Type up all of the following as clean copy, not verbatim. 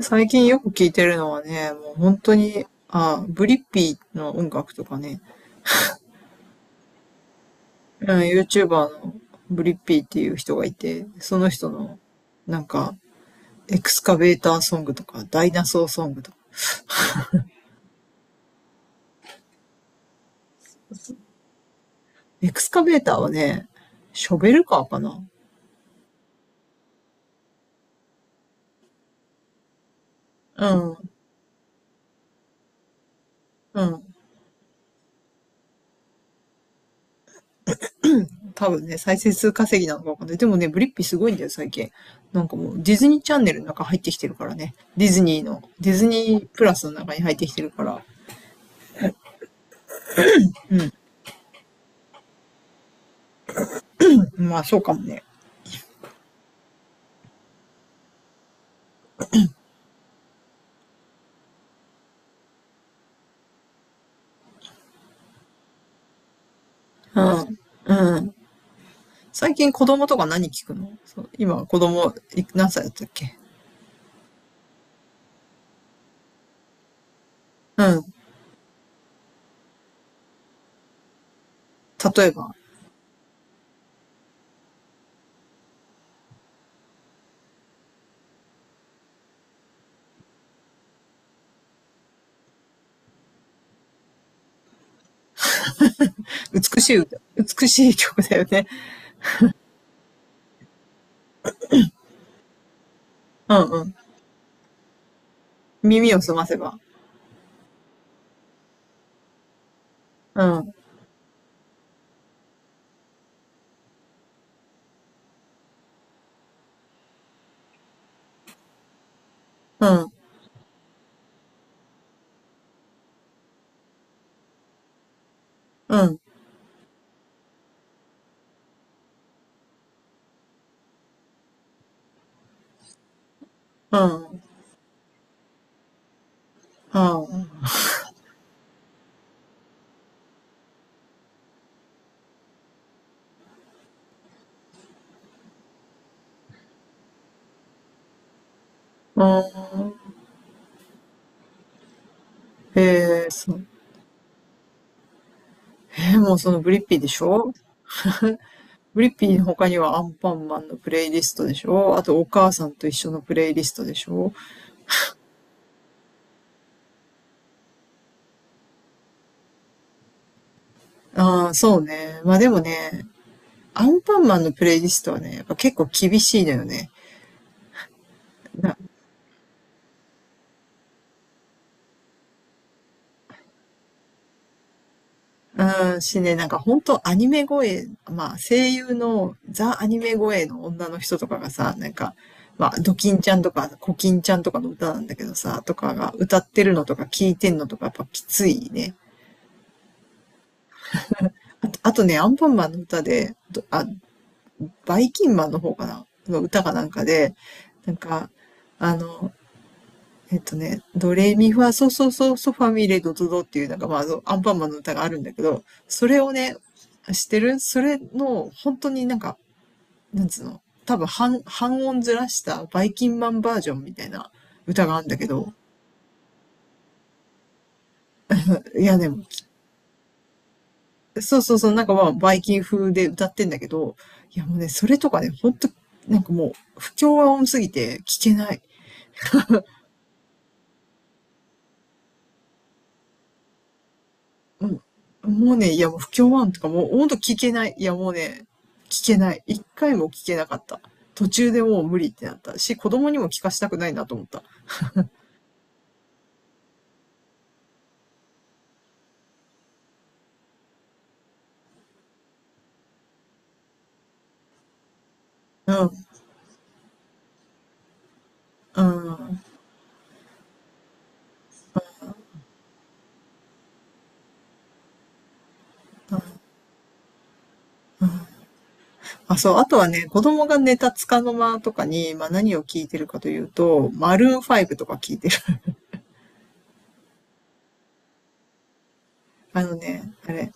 最近よく聴いてるのはね、もう本当に、あ、ブリッピーの音楽とかね、うん、YouTuber のブリッピーっていう人がいて、その人の、なんか、エクスカベーターソングとか、ダイナソーソングとか。エクスカベーターはね、ショベルカーかな。うん、うん。多分ね、再生数稼ぎなのかわかんない。でもね、ブリッピーすごいんだよ、最近。なんかもう、ディズニーチャンネルの中入ってきてるからね。ディズニーの、ディズニープラスの中に入ってきてるから。まあ、そうかもね。うん。うん。最近子供とか何聞くの？そう、今子供い何歳だったっけ？うん。例えば、美しい歌、美しい曲だよね。うんうん。耳を澄ませば。うん。うん。うん。うん。うん。うん。えー、そう。もうそのブリッピーでしょ？ブリッピーの他にはアンパンマンのプレイリストでしょ？あとお母さんと一緒のプレイリストでしょ？ああー、そうね。まあでもね、アンパンマンのプレイリストはね、やっぱ結構厳しいのよね。な、うん、しね、なんか本当アニメ声、まあ声優のザ・アニメ声の女の人とかがさ、なんか、まあドキンちゃんとかコキンちゃんとかの歌なんだけどさ、とかが歌ってるのとか聞いてんのとかやっぱきついね。あとね、アンパンマンの歌で、バイキンマンの方かなの歌かなんかで、なんか、あの、ドレミファソソソソファミレドドドっていうなんかまああのアンパンマンの歌があるんだけど、それをね、知ってるそれの本当になんか、なんつうの、多分半音ずらしたバイキンマンバージョンみたいな歌があるんだけど、いやでも、そうそうそう、なんかまあバイキン風で歌ってんだけど、いやもうね、それとかね、本当なんかもう不協和音すぎて聞けない。もうん。もうね、いやもう不協和音とかもうほんと聞けない。いやもうね、聞けない。一回も聞けなかった。途中でもう無理ってなったし、子供にも聞かしたくないなと思った。うん。うん。あ、そう。あとはね、子供が寝た束の間とかに、まあ何を聞いてるかというと、マルーン5とか聞いてる。あのね、あれ。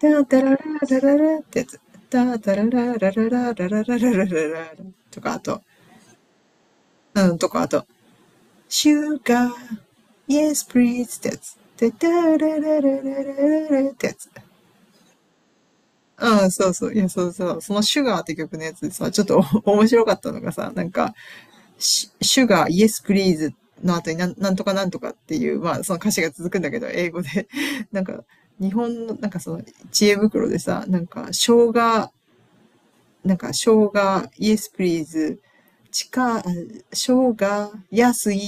ダーダラララララってやつ。ダーダラララララララララララとか、あと、うん、とか、あと、シュガーイ yes please ってやつ。てたららららららってやつ。うん、そうそう。いや、そうそう。そのシュガーって曲のやつでさ、ちょっと 面白かったのがさ、なんか、シュガー、イエスプリーズの後になんとかなんとかっていう、まあ、その歌詞が続くんだけど、英語で。なんか、日本の、なんかその、知恵袋でさ、なんか、生姜、なんか、生姜、イエスプリーズ地下、生姜、安い、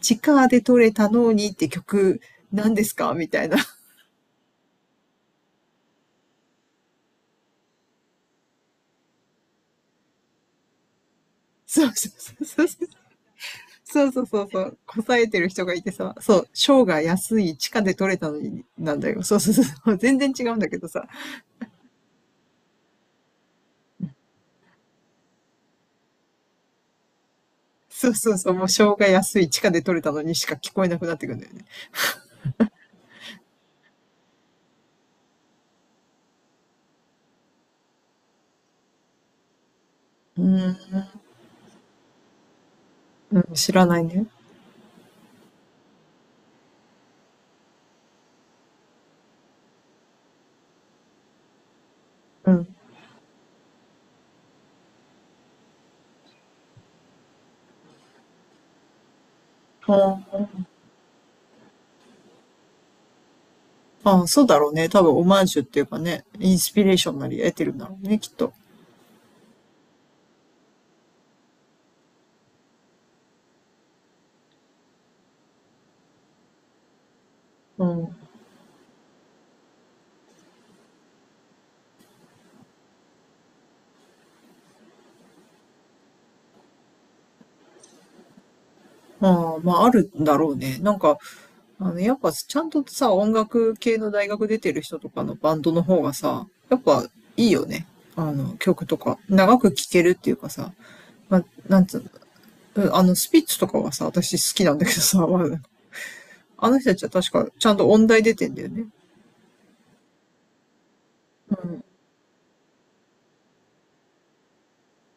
地下で取れたのにって曲、何ですかみたいな。そうそうそうそう。そうそうそうそう。こさえてる人がいてさ、そう、生姜安い、地下で取れたのになんだよ。そうそうそう。全然違うんだけどさ。そうそうそう。もう生姜安い、地下で取れたのにしか聞こえなくなってくるんだよね。うん。うん、知らないね。うん。ほんああ、そうだろうね。多分オマージュっていうかね、インスピレーションなり得てるんだろうね、きっと。うん。ああ、まあ、あるんだろうね。なんか、あの、やっぱちゃんとさ、音楽系の大学出てる人とかのバンドの方がさ、やっぱいいよね。あの、曲とか。長く聴けるっていうかさ、まあ、なんつうの、うん、スピッツとかはさ、私好きなんだけどさ、まああの人たちは確かちゃんと音大出てんだよね。うん。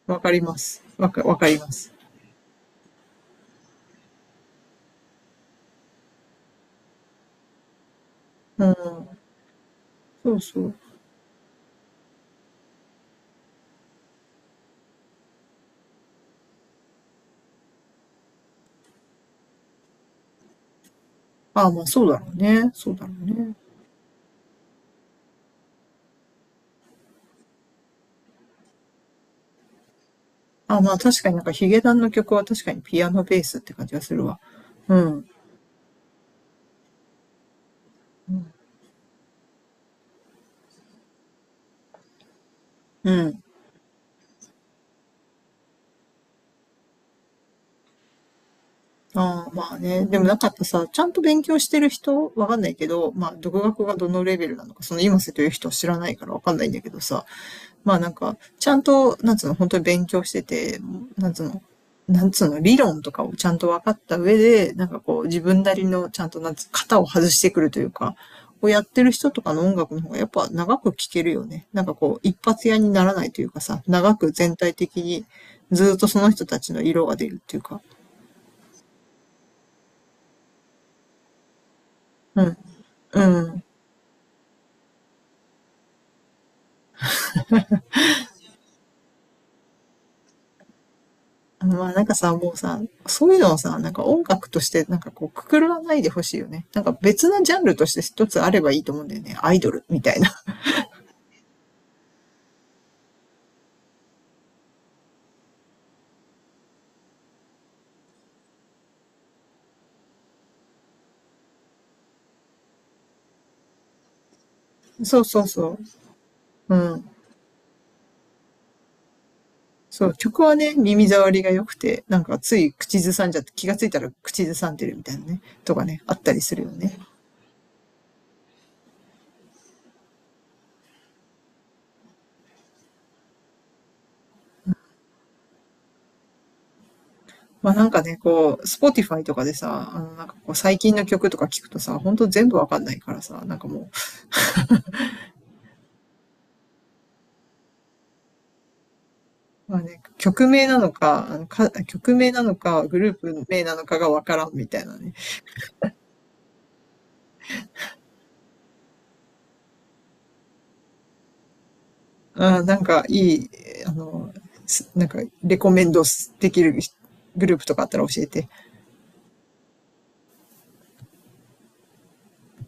わかります。わかります。うん。そうそう。ああ、まあそうだろうね。そうだろうね。ああ、まあ確かになんかヒゲダンの曲は確かにピアノベースって感じがするわ。うん。うん。ああ、まあね。でもなんかやっぱさ、ちゃんと勉強してる人、わかんないけど、まあ、独学がどのレベルなのか、その今瀬という人は知らないからわかんないんだけどさ、まあなんか、ちゃんと、なんつうの、本当に勉強してて、なんつうの、なんつうの、理論とかをちゃんと分かった上で、なんかこう、自分なりの、ちゃんと、なんつう、型を外してくるというか、をやってる人とかの音楽の方がやっぱ長く聴けるよね。なんかこう、一発屋にならないというかさ、長く全体的にずっとその人たちの色が出るっていうか、うん。うん。まあなんかさ、もうさ、そういうのをさ、なんか音楽としてなんかこうくくらないでほしいよね。なんか別のジャンルとして一つあればいいと思うんだよね。アイドルみたいな。そうそうそう。うん。そう、曲はね、耳障りが良くて、なんかつい口ずさんじゃって、気がついたら口ずさんでるみたいなね、とかね、あったりするよね。まあなんかね、こう、Spotify とかでさ、あのなんかこう最近の曲とか聞くとさ、ほんと全部わかんないからさ、なんかもうまあね、曲名なのか、あのか、曲名なのか、グループ名なのかがわからんみたいなね。あー、なんかいい、あの、すなんかレコメンドできるグループとかあったら教えて。